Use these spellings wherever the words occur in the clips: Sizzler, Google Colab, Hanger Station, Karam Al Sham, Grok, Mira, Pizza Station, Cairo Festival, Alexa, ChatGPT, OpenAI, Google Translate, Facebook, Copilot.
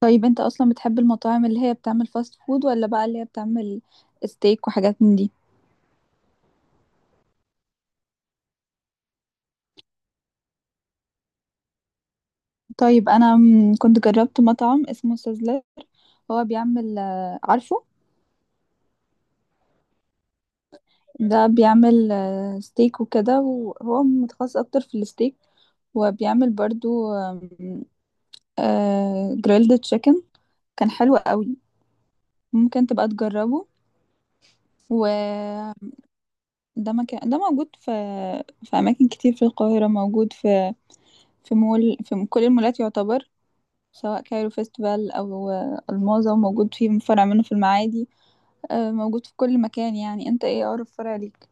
طيب انت اصلا بتحب المطاعم اللي هي بتعمل فاست فود ولا بقى اللي هي بتعمل ستيك وحاجات من دي؟ طيب انا كنت جربت مطعم اسمه سيزلر. هو بيعمل عارفه؟ ده بيعمل ستيك وكده، وهو متخصص اكتر في الستيك، وبيعمل برضو جريلد تشيكن. كان حلو قوي. ممكن تبقى تجربه. وده مكان، ده موجود في اماكن كتير في القاهره، موجود في مول، في كل المولات يعتبر، سواء كايرو فيستيفال أو الماظة، وموجود فيه فرع منه في المعادي. موجود في كل مكان. يعني انت ايه أقرب فرع ليك؟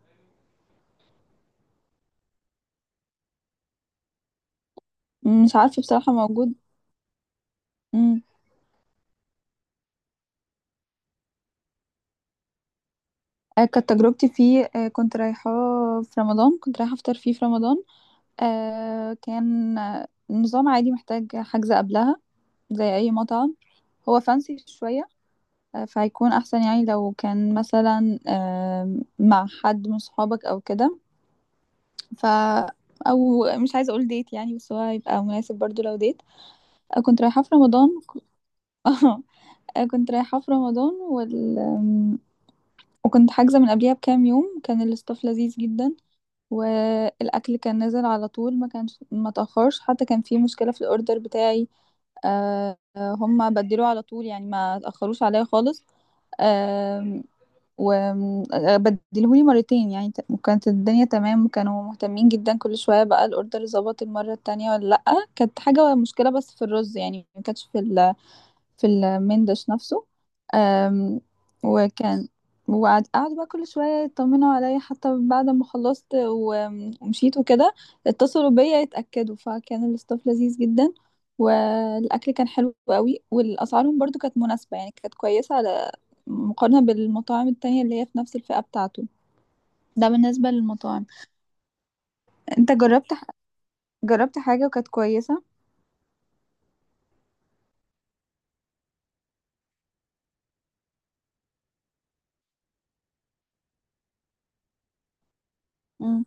مش عارفة بصراحة، موجود. مم. كانت تجربتي فيه، كنت رايحة في رمضان، كنت رايحة أفطر فيه في رمضان. كان النظام عادي، محتاج حجز قبلها زي أي مطعم. هو فانسي شوية. فهيكون أحسن، يعني لو كان مثلا مع حد من صحابك أو كده. ف او مش عايزه اقول ديت يعني، بس هو هيبقى مناسب برضو لو ديت. كنت رايحه في رمضان. اه كنت رايحه في رمضان وكنت حاجزه من قبليها بكام يوم. كان الاستاف لذيذ جدا، والاكل كان نازل على طول، ما كانش ما تاخرش. حتى كان في مشكله في الاوردر بتاعي، هم بدلوه على طول، يعني ما تاخروش عليا خالص، وبدلهولي مرتين. يعني وكانت الدنيا تمام، وكانوا مهتمين جدا كل شوية، بقى الأوردر ظبط المرة التانية ولا لأ. كانت حاجة مشكلة بس في الرز، يعني ما كانتش في المندش نفسه. أم، وكان وقعد بقى كل شوية يطمنوا عليا حتى بعد ما خلصت و- ومشيت وكده، اتصلوا بيا يتأكدوا. فكان الاستاف لذيذ جدا، والأكل كان حلو قوي، والأسعارهم برضو كانت مناسبة، يعني كانت كويسة على مقارنة بالمطاعم التانية اللي هي في نفس الفئة بتاعته. ده بالنسبة للمطاعم. انت جربت جربت حاجة وكانت كويسة؟ مم.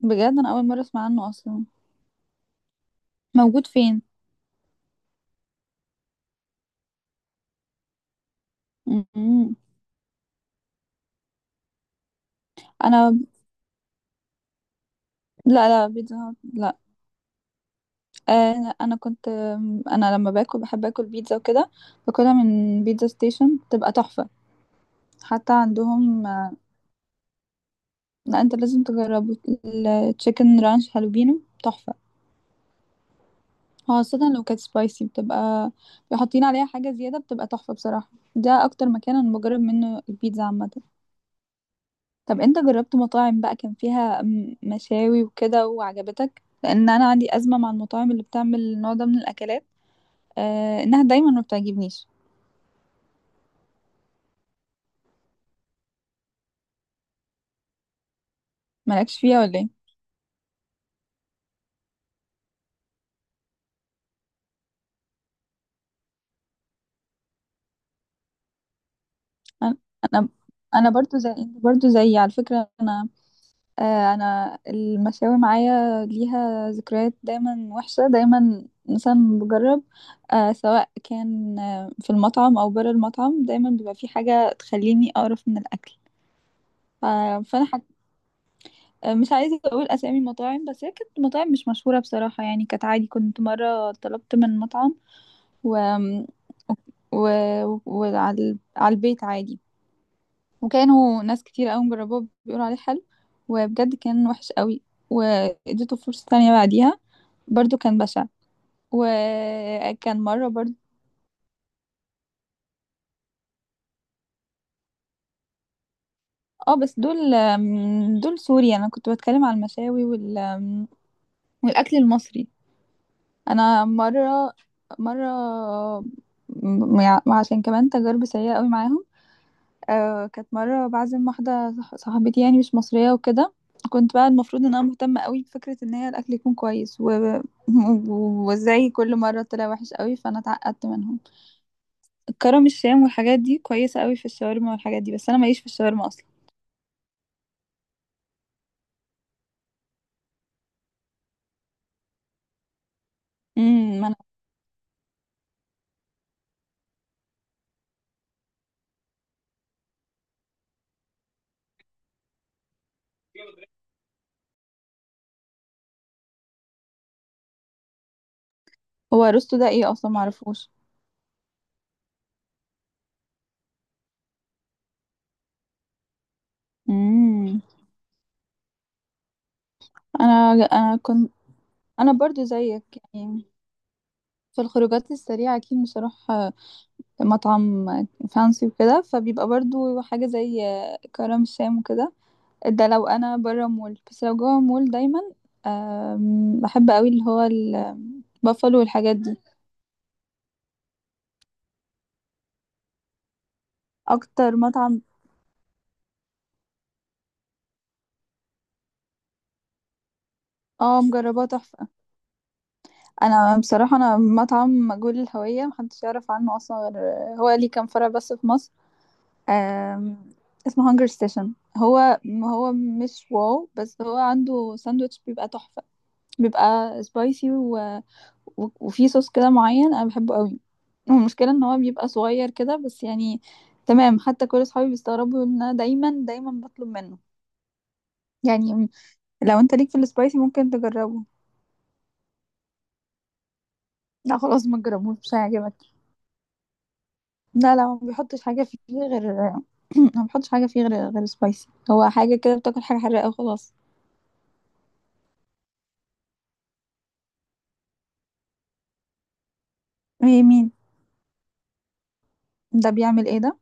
بجد أنا أول مرة أسمع عنه أصلا. موجود فين؟ مم. انا، لا، لا، بيتزا هات لا. انا كنت آم، انا لما باكل بحب اكل بيتزا وكده، باكلها من بيتزا ستيشن، بتبقى تحفة. حتى عندهم. لا، انت لازم تجربه. التشيكن رانش هالوبينو تحفة، خاصة لو كانت سبايسي، بتبقى بيحطين عليها حاجة زيادة، بتبقى تحفة بصراحة. ده اكتر مكان انا بجرب منه البيتزا عامة. طب انت جربت مطاعم بقى كان فيها مشاوي وكده وعجبتك؟ لان انا عندي أزمة مع المطاعم اللي بتعمل النوع ده من الاكلات، انها دايما ما بتعجبنيش. مالكش فيها ولا ايه؟ انا انا أنا برضو زي انت، برضو زي، على فكرة، انا المشاوي معايا ليها ذكريات دايما وحشة، دايما مثلا بجرب، سواء كان في المطعم او بره المطعم، دايما بيبقى في حاجة تخليني اقرف من الاكل. ف- فانا حك... آه، مش عايزة اقول اسامي مطاعم، بس هي كانت مطاعم مش مشهورة بصراحة، يعني كانت عادي. كنت مرة طلبت من مطعم و... وعلى البيت عادي، وكانوا ناس كتير قوي مجربوه بيقولوا عليه حلو، وبجد كان وحش قوي. واديته فرصة تانية بعديها، برضو كان بشع. وكان مرة برضو. اه بس دول سوري، انا كنت بتكلم على المشاوي والاكل المصري. انا مرة، مرة م- عشان كمان تجارب سيئة قوي معاهم. كانت مرة بعزم واحدة صاحبتي، يعني مش مصرية وكده. كنت بقى المفروض ان انا مهتمة قوي بفكرة ان هي الاكل يكون كويس وازاي كل مرة طلع وحش قوي، فانا اتعقدت منهم. كرم الشام والحاجات دي كويسة قوي في الشاورما والحاجات دي، بس انا ماليش في الشاورما اصلا. ما انا هو رستو ده ايه اصلا، معرفوش؟ امم انا انا كنت انا برضو زيك، يعني في الخروجات السريعة، أكيد مش هروح مطعم فانسي وكده، فبيبقى برضو حاجة زي كرم الشام وكده، ده لو انا بره مول. بس لو جوه مول دايما بحب قوي اللي هو البافلو والحاجات دي. اكتر مطعم؟ اه، مجرباه، تحفه. انا بصراحه، انا مطعم مجهول الهويه محدش يعرف عنه اصلا غير، هو ليه كام فرع بس في مصر. أم، اسمه هانجر ستيشن. هو هو مش واو، بس هو عنده ساندوتش بيبقى تحفه، بيبقى سبايسي، و- وفي صوص كده معين انا بحبه قوي، والمشكله ان هو بيبقى صغير كده بس، يعني تمام. حتى كل اصحابي بيستغربوا ان انا دايما دايما بطلب منه. يعني لو انت ليك في السبايسي ممكن تجربه. لا خلاص، ما تجربوش، مش هيعجبك. لا، لا، ما بيحطش حاجه فيه غير ما بيحطش حاجه فيه غير سبايسي، هو حاجه كده، بتاكل حاجه حراقه وخلاص. ايه؟ مين؟ ده بيعمل ايه ده؟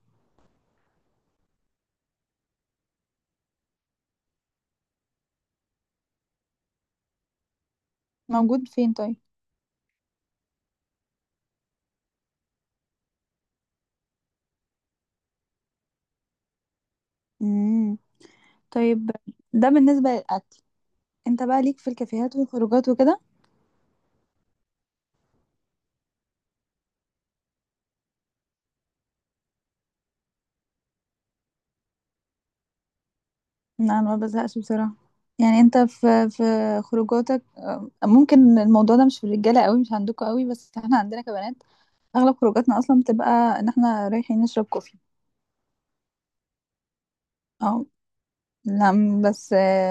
موجود فين طيب؟ امم. طيب، ده بالنسبه للاكل. انت بقى ليك في الكافيهات والخروجات وكده؟ لا، انا ما بزهقش بصراحه، يعني انت في خروجاتك، ممكن الموضوع ده مش في الرجاله قوي، مش عندكم قوي، بس احنا عندنا كبنات، اغلب خروجاتنا اصلا بتبقى ان احنا رايحين نشرب كوفي. اه. لا، بس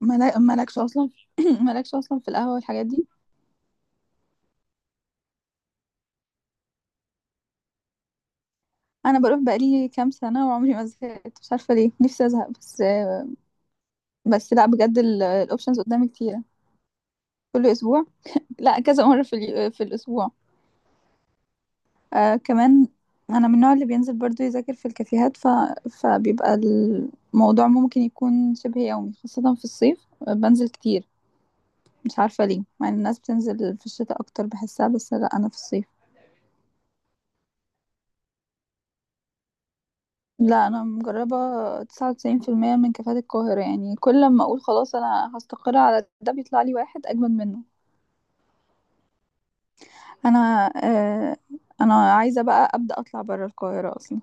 مالكش اصلا مالكش اصلا في القهوه والحاجات دي؟ انا بروح بقالي كام سنه، وعمري ما زهقت، مش عارفه ليه، نفسي ازهق، بس بس لا، بجد الاوبشنز قدامي كتيره. كل اسبوع؟ لا، كذا مره في الاسبوع. آه كمان، انا من النوع اللي بينزل برضو يذاكر في الكافيهات، فبيبقى الموضوع ممكن يكون شبه يومي، خاصة في الصيف. بنزل كتير، مش عارفة ليه، مع ان الناس بتنزل في الشتاء اكتر بحسها، بس لا، انا في الصيف. لا، انا مجربة 99% من كافيهات القاهرة، يعني كل ما اقول خلاص انا هستقر على ده، بيطلع لي واحد اجمد منه. انا آه انا عايزة بقى ابدأ اطلع برا القاهرة اصلا.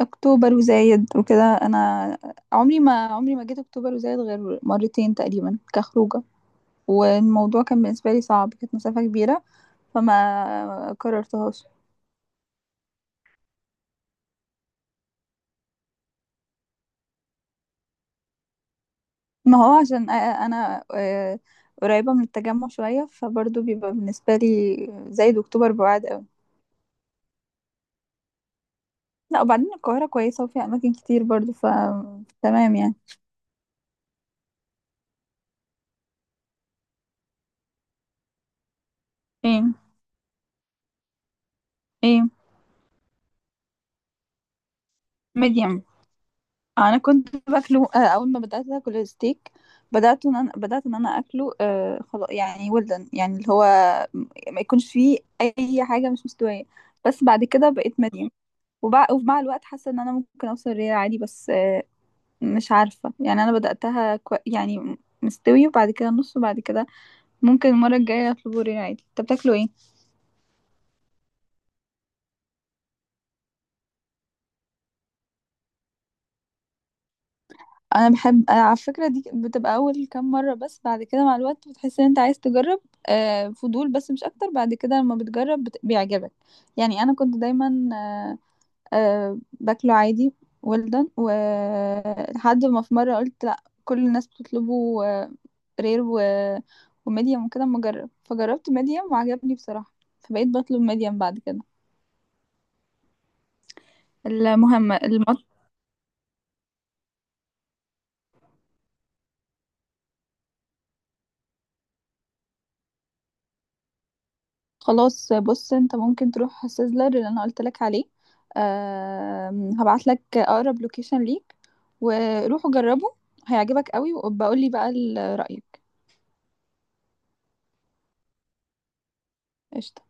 اكتوبر وزايد وكده. انا عمري ما جيت اكتوبر وزايد غير مرتين تقريبا كخروجه، والموضوع كان بالنسبه لي صعب، كانت مسافه كبيره، فما قررتهاش. ما هو عشان انا قريبه من التجمع شويه، فبرضه بيبقى بالنسبه لي زايد واكتوبر بعاد قوي. لا وبعدين، القاهره كويسه وفيها اماكن كتير برضه، تمام يعني. ايه؟ ايه؟ ميديم. انا كنت باكله اول ما بدات اكل الستيك، بدات ان انا اكله خلاص، يعني ولدن، يعني اللي هو ما يكونش فيه اي حاجه مش مستويه، بس بعد كده بقيت مريم. ومع الوقت حاسه ان انا ممكن اوصل ريال عادي، بس مش عارفه يعني، انا بداتها يعني مستوي، وبعد كده نص، وبعد كده ممكن المره الجايه اطلبه ريال عادي. انت بتاكله ايه؟ انا بحب أنا على فكره، دي بتبقى اول كام مره، بس بعد كده مع الوقت بتحس ان انت عايز تجرب، فضول بس مش اكتر، بعد كده لما بتجرب بيعجبك. يعني انا كنت دايما باكله عادي ولدن، ولحد ما في مره قلت لا، كل الناس بتطلبه رير و... وميديم وكده، اما اجرب، فجربت ميديم وعجبني بصراحه، فبقيت بطلب ميديم بعد كده. المهم المطعم. خلاص بص، انت ممكن تروح سيزلر اللي انا قلت لك عليه، أه هبعت لك اقرب لوكيشن ليك، وروح جربه، هيعجبك قوي، وبقول لي بقى رأيك. قشطة.